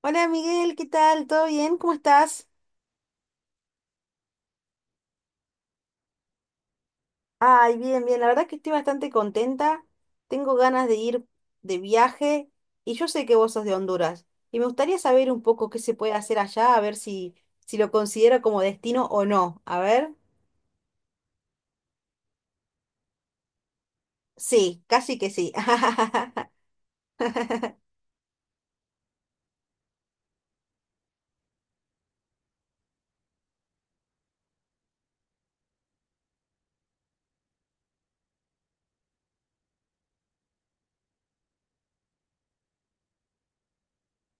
Hola Miguel, ¿qué tal? ¿Todo bien? ¿Cómo estás? Ay, bien, bien. La verdad que estoy bastante contenta. Tengo ganas de ir de viaje y yo sé que vos sos de Honduras. Y me gustaría saber un poco qué se puede hacer allá, a ver si, si lo considero como destino o no. A ver. Sí, casi que sí.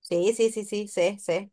Sí, sí, sí, sí, sé, sé.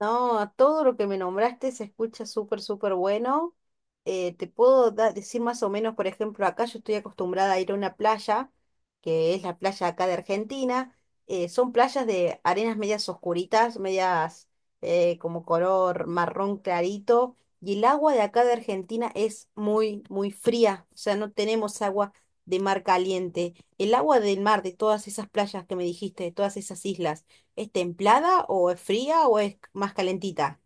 No, todo lo que me nombraste se escucha súper, súper bueno. Te puedo decir más o menos, por ejemplo, acá yo estoy acostumbrada a ir a una playa, que es la playa acá de Argentina. Son playas de arenas medias oscuritas, medias como color marrón clarito. Y el agua de acá de Argentina es muy, muy fría. O sea, no tenemos agua de mar caliente. ¿El agua del mar de todas esas playas que me dijiste, de todas esas islas, es templada o es fría o es más calentita?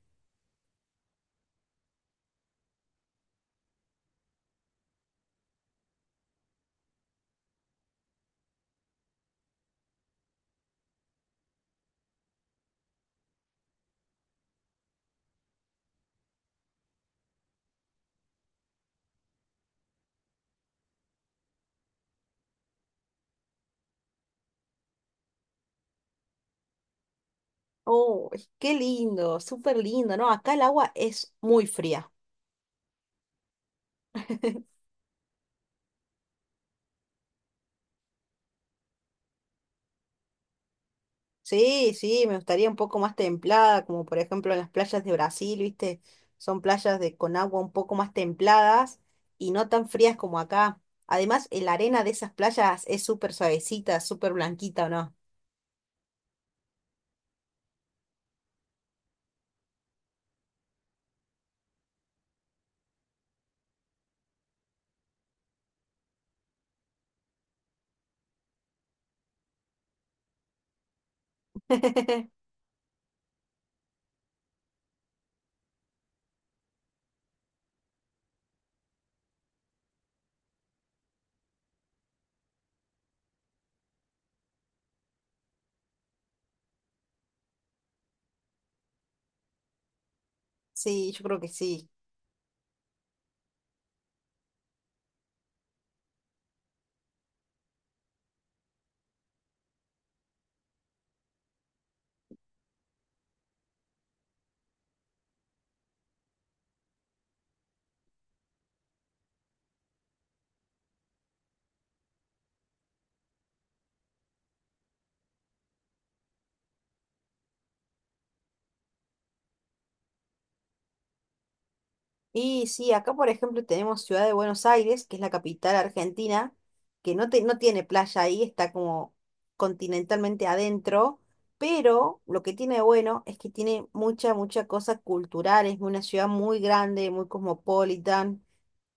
Oh, qué lindo, súper lindo, ¿no? Acá el agua es muy fría. Sí, sí, me gustaría un poco más templada, como por ejemplo en las playas de Brasil, ¿viste? Son playas de, con agua un poco más templadas y no tan frías como acá. Además, la arena de esas playas es súper suavecita, súper blanquita, ¿o no? Sí, yo creo que sí. Y sí, acá por ejemplo tenemos Ciudad de Buenos Aires, que es la capital argentina, que no, no tiene playa ahí, está como continentalmente adentro, pero lo que tiene de bueno es que tiene mucha, mucha cosa cultural, es una ciudad muy grande, muy cosmopolitan,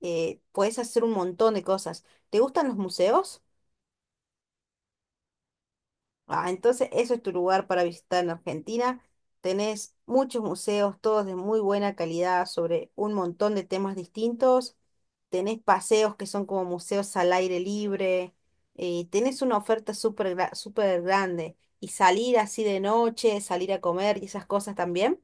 puedes hacer un montón de cosas. ¿Te gustan los museos? Ah, entonces eso es tu lugar para visitar en Argentina. Tenés muchos museos, todos de muy buena calidad, sobre un montón de temas distintos. Tenés paseos que son como museos al aire libre. Tenés una oferta súper grande. Y salir así de noche, salir a comer y esas cosas también.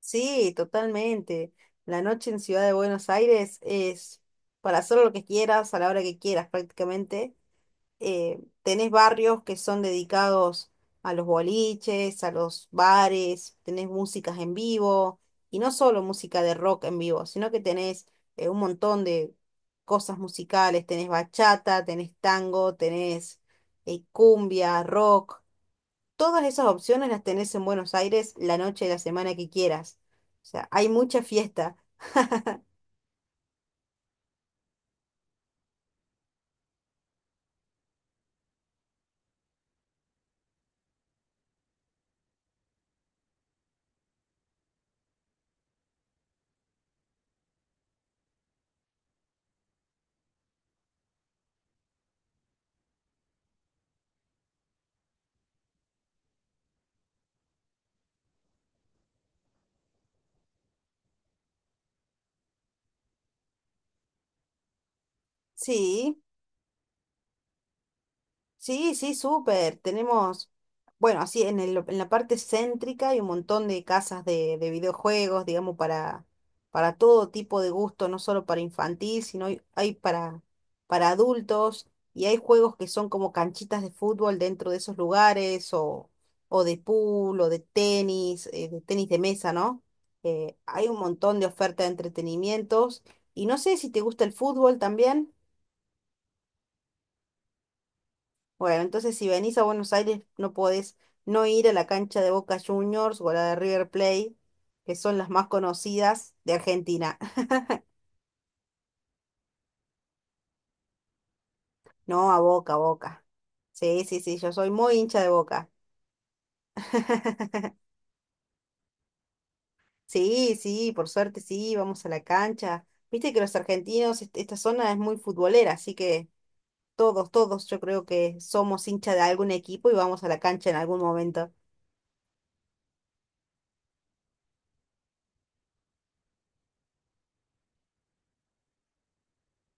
Sí, totalmente. La noche en Ciudad de Buenos Aires es para hacer lo que quieras, a la hora que quieras prácticamente. Tenés barrios que son dedicados a los boliches, a los bares, tenés músicas en vivo, y no solo música de rock en vivo, sino que tenés un montón de cosas musicales, tenés bachata, tenés tango, tenés cumbia, rock, todas esas opciones las tenés en Buenos Aires la noche de la semana que quieras. O sea, hay mucha fiesta. Sí. Sí, sí, súper. Tenemos, bueno, así en en la parte céntrica hay un montón de casas de videojuegos, digamos, para todo tipo de gusto, no solo para infantil, sino hay para adultos y hay juegos que son como canchitas de fútbol dentro de esos lugares o de pool o de tenis, de tenis de mesa, ¿no? Hay un montón de oferta de entretenimientos y no sé si te gusta el fútbol también. Bueno, entonces si venís a Buenos Aires no podés no ir a la cancha de Boca Juniors o a la de River Plate, que son las más conocidas de Argentina. No, a Boca, Boca. Sí, sí, sí, yo soy muy hincha de Boca. Sí, sí, por suerte sí, vamos a la cancha. Viste que los argentinos, esta zona es muy futbolera, así que todos, todos yo creo que somos hincha de algún equipo y vamos a la cancha en algún momento.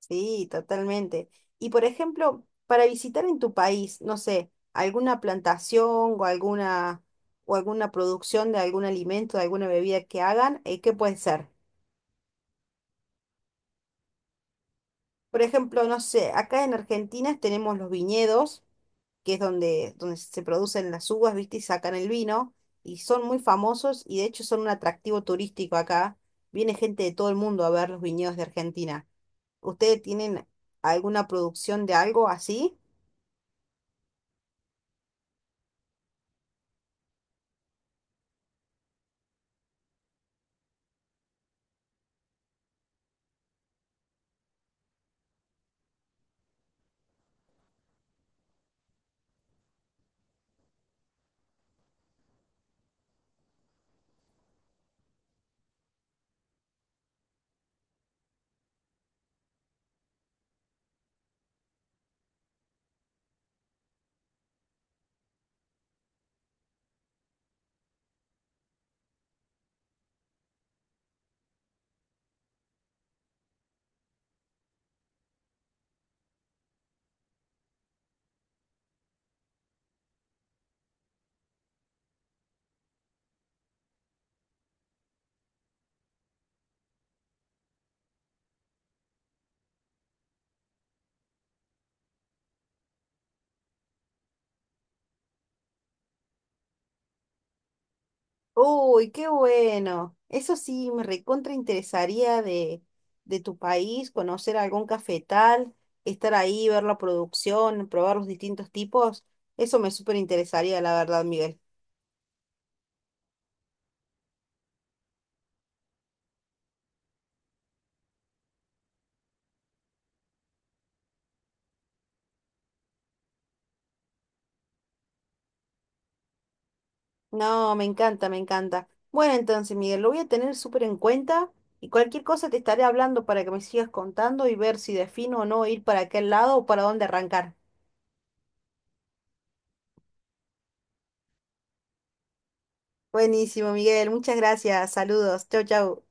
Sí, totalmente. Y por ejemplo, para visitar en tu país, no sé, alguna plantación o alguna producción de algún alimento, de alguna bebida que hagan, ¿qué puede ser? Por ejemplo, no sé, acá en Argentina tenemos los viñedos, que es donde se producen las uvas, ¿viste? Y sacan el vino, y son muy famosos y de hecho son un atractivo turístico acá. Viene gente de todo el mundo a ver los viñedos de Argentina. ¿Ustedes tienen alguna producción de algo así? Uy, qué bueno. Eso sí, me recontra interesaría de tu país, conocer algún cafetal, estar ahí, ver la producción, probar los distintos tipos. Eso me súper interesaría, la verdad, Miguel. No, me encanta, me encanta. Bueno, entonces, Miguel, lo voy a tener súper en cuenta y cualquier cosa te estaré hablando para que me sigas contando y ver si defino o no ir para aquel lado o para dónde arrancar. Buenísimo, Miguel. Muchas gracias. Saludos. Chau, chau.